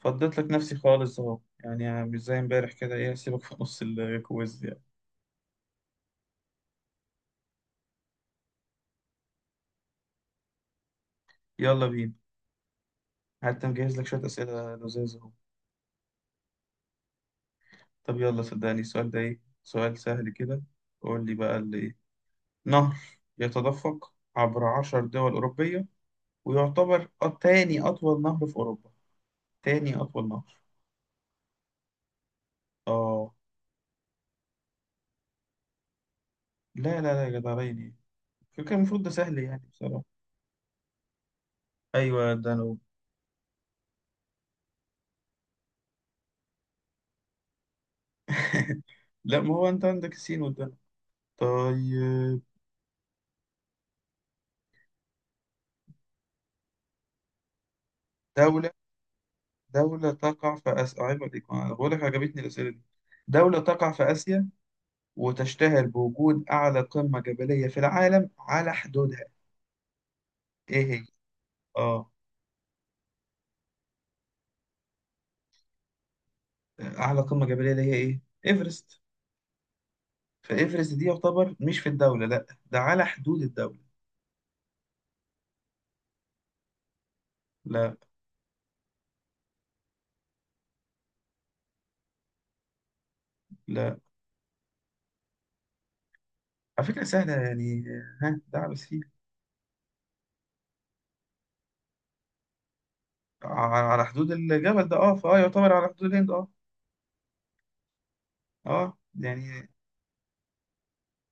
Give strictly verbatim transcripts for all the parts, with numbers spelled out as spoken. فضيت لك نفسي خالص اهو، يعني مش زي امبارح كده. ايه، هسيبك في نص الكويز يعني. يلا بينا. حتى مجهز لك شوية أسئلة لذيذة اهو. طب يلا، صدقني السؤال ده ايه سؤال سهل كده. قول لي بقى اللي ايه. نهر يتدفق عبر عشر دول أوروبية ويعتبر أ- تاني أطول نهر في أوروبا. تاني أطول نهر. اه. لا لا لا يا جدعان، ايه كان المفروض ده سهل يعني بصراحة. أيوة الدانوب. لا، ما هو أنت عندك السين والدانوب. طيب. دولة دولة تقع في آسيا، عيب عليك، أنا بقول لك عجبتني الأسئلة دي. دولة تقع في آسيا وتشتهر بوجود أعلى قمة جبلية في العالم على حدودها. إيه هي؟ آه. أعلى قمة جبلية اللي هي إيه؟ إيفرست. فإيفرست دي يعتبر مش في الدولة لأ، ده على حدود الدولة. لا لا، على فكرة سهلة يعني. ها، ده بس فيه ع- على حدود الجبل ده آه، فآه يعتبر على حدود الهند آه. آه يعني.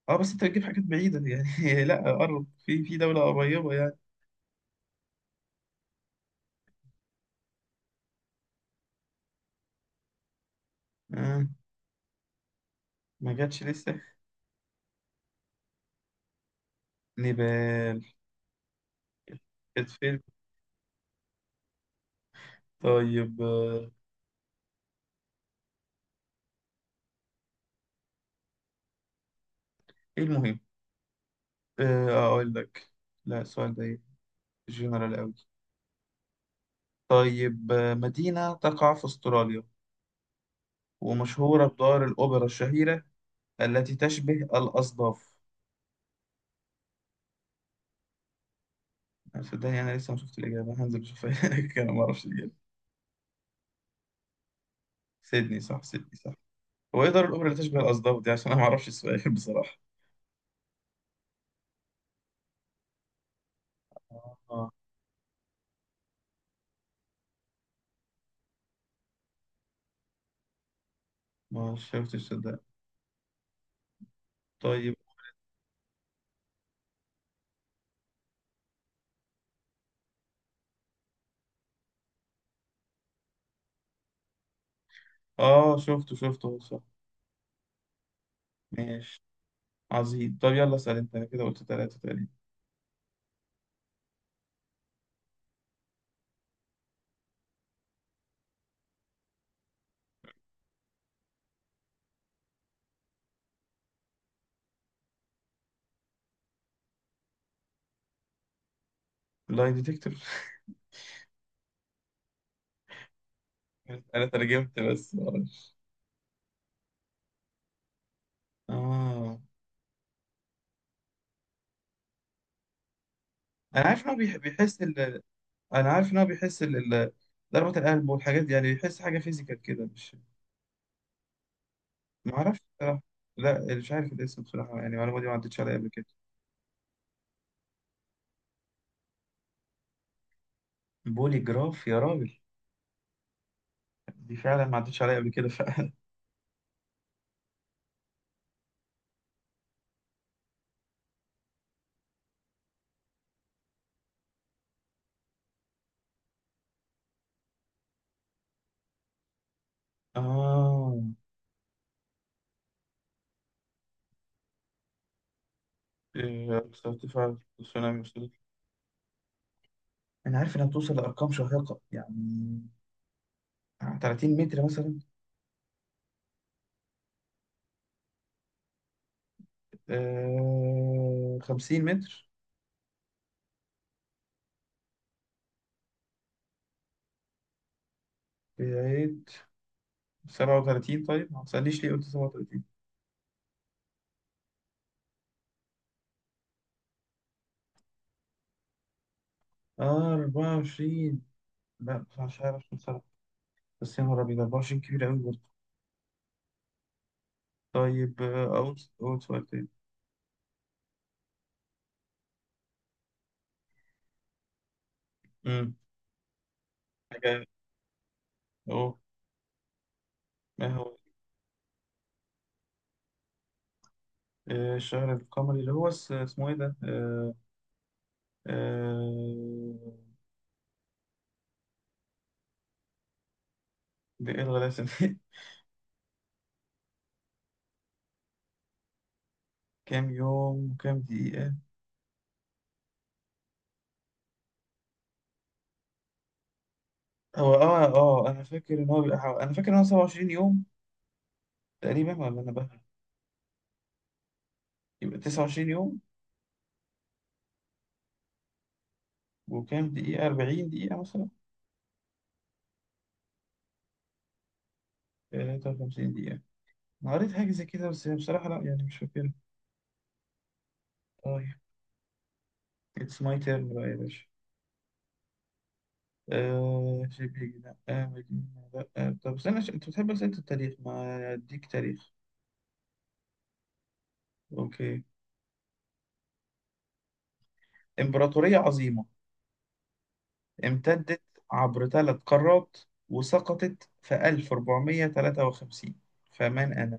آه بس أنت بتجيب حاجات بعيدة يعني. لأ قرب، في في دولة قريبة يعني. آه. ما جاتش لسه. نبال. اتفيل. طيب آه، ايه المهم. آه، آه، اقول لك، لا السؤال ده ايه جنرال قوي. طيب آه، مدينة تقع في استراليا ومشهورة بدار الأوبرا الشهيرة التي تشبه الأصداف. أنا صدقني أنا لسه ما شفت الإجابة، هنزل أشوفها. أنا ما أعرفش الإجابة. سيدني صح، سيدني صح. هو إيه دار الأوبرا اللي تشبه الأصداف دي، عشان أنا ما أعرفش السؤال بصراحة. آه، ما شفتش صدق. طيب. آه، شفته شفته صح. ماشي. عظيم، طب يلا اسأل انت، أنا كده قلت ثلاثة تقريبا. لاي ديتكتور. انا ترجمت بس معرفش. اه، انا عارف ان هو بيح- بيحس ال... انا عارف ان هو بيحس ال... ال- ضربة القلب والحاجات دي، يعني بيحس حاجة فيزيكال كده مش. ما اعرفش بصراحة. لا مش عارف الاسم بصراحة، يعني المعلومة دي ما عدتش عليا قبل كده. بولي جراف يا راجل. دي فعلا ما عدتش عليا قبل كده فعلا. اه إيه، ارتفاع التسونامي وصلت، انا عارف انها بتوصل لارقام شاهقة يعني، 30 متر مثلا. آه... 50 متر. بعيد. سبعة وثلاثين. طيب ما تسألنيش ليه قلت سبعة وثلاثين. آه أربعة وعشرين. لا مش عارف كم سنة. بس يا نهار أبيض أربعة وعشرين كبير أوي برضه. طيب آه، أقول أقول سؤال تاني. أمم حاجة أهو. ما هو آه، الشهر القمري اللي هو اس- اسمه إيه ده؟ آه... آه... ده إيه الغلاسة دي؟ كام يوم وكام دقيقة؟ هو آه آه أنا فاكر إن هو بيبقى حو- أنا فاكر إن هو 27 يوم تقريبا، ولا أنا بقى يبقى 29 يوم. وكام دقيقة، 40 دقيقة مثلا. 53 دقيقة. أنا قريت حاجة زي كده بس بصراحة لا يعني مش فاكرها. طيب. اتس ماي تيرن بقى يا باشا. آه شبيك، لا آه مدينة، لا آه. طب استنى ش- انت بتحب أسئلة التاريخ، ما اديك تاريخ. اوكي. امبراطورية عظيمة، امتدت عبر ثلاث قارات، وسقطت في ألف وأربعمية وثلاثة وخمسين. فمن أنا؟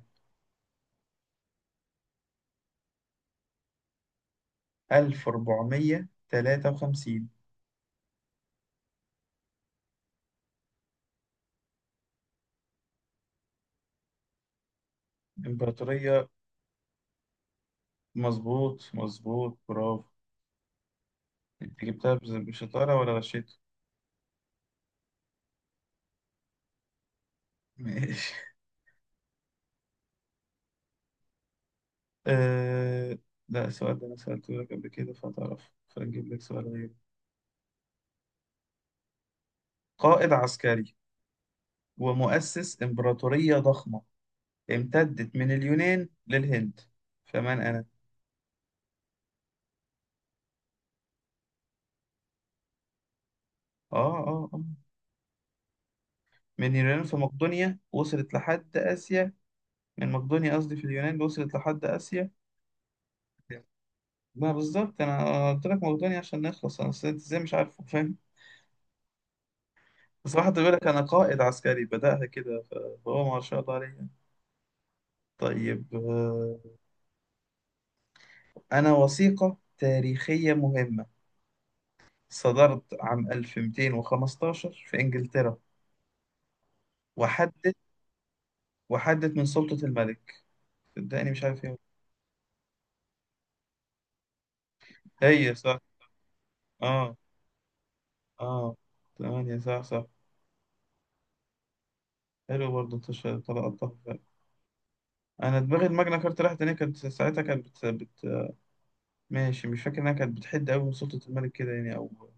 ألف وأربعمية وثلاثة وخمسين. امبراطورية. مظبوط مظبوط برافو. انت جبتها بز- بشطارة ولا غشيت؟ ماشي. أه... لا، السؤال ده أنا سألته لك قبل كده فتعرف، فنجيب لك سؤال غير. قائد عسكري ومؤسس إمبراطورية ضخمة امتدت من اليونان للهند. فمن أنا؟ آه آه آه من اليونان في مقدونيا، وصلت لحد آسيا. من مقدونيا قصدي، في اليونان وصلت لحد آسيا. ما بالظبط، أنا قلت لك مقدونيا عشان نخلص، أنا أصل أنت إزاي مش عارفه، فاهم؟ بصراحة بيقول لك أنا قائد عسكري، بدأها كده ف-، فهو ما شاء الله عليه. طيب آه، أنا وثيقة تاريخية مهمة صدرت عام ألف ومئتين وخمسة عشر في إنجلترا. وحدت وحدت من سلطة الملك. صدقني مش عارف ايه. هي صح. اه. اه. ثمانية صح صح. حلو برضه، انت ش- طلعتها فعلا. انا دماغي الماجنا كارتا راحت هنا، كانت ساعتها كانت بت... بت... ماشي مش فاكر انها كانت بتحد قوي من سلطة الملك كده يعني او.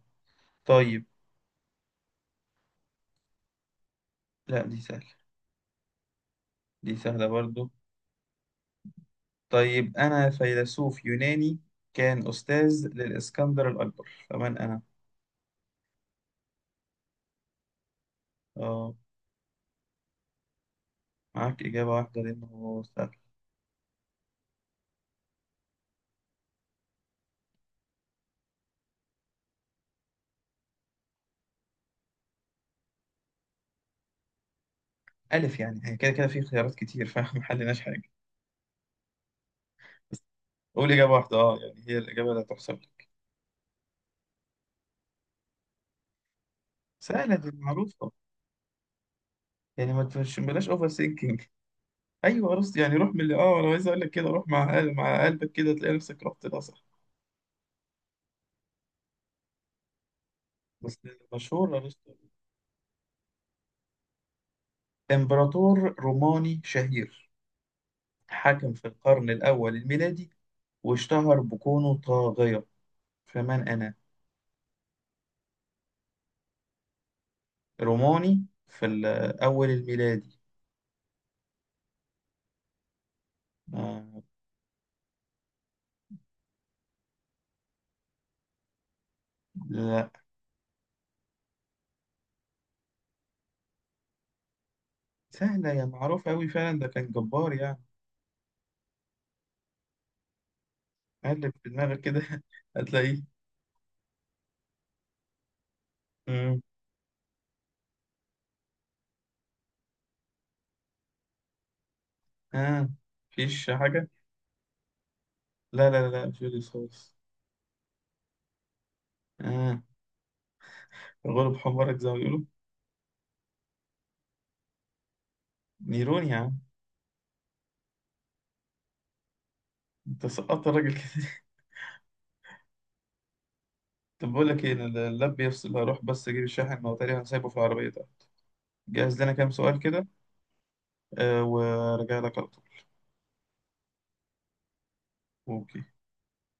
طيب. لا دي سهلة. دي سهلة برضه. طيب. أنا فيلسوف يوناني كان أستاذ للإسكندر الأكبر، فمن أنا؟ آه. معاك إجابة واحدة لأنه هو سهل. ألف، يعني هي كده كده في خيارات كتير فاحنا محلناش حاجة بس. قول إجابة واحدة، أه يعني هي الإجابة اللي هتحسب لك. سهلة دي معروفة، يعني ما تفش بلاش أوفر سينكينج. أيوه أرسط، يعني روح من اللي أه، أنا عايز أقول لك كده، روح مع قل- مع قلبك كده تلاقي نفسك رحت، ده صح بس. مشهور أرسطو. إمبراطور روماني شهير حكم في القرن الأول الميلادي واشتهر بكونه طاغية. فمن أنا؟ روماني في الأول الميلادي. آه. لا، سهلة يا معروف أوي فعلا، ده كان جبار يعني. قلب في دماغك كده هتلاقيه. مم. آه. مفيش حاجة. لا لا لا مش رصاص. آه، غلب حمارك زي ما بيقولوا. نيرون يا عم. انت سقطت الراجل كده طب بقول لك ايه، انا اللاب بيفصل، هروح بس اجيب الشاحن، ما هو تقريبا سايبه في العربية ده. جهز لنا كام سؤال كده آه، وارجع لك على طول. اوكي.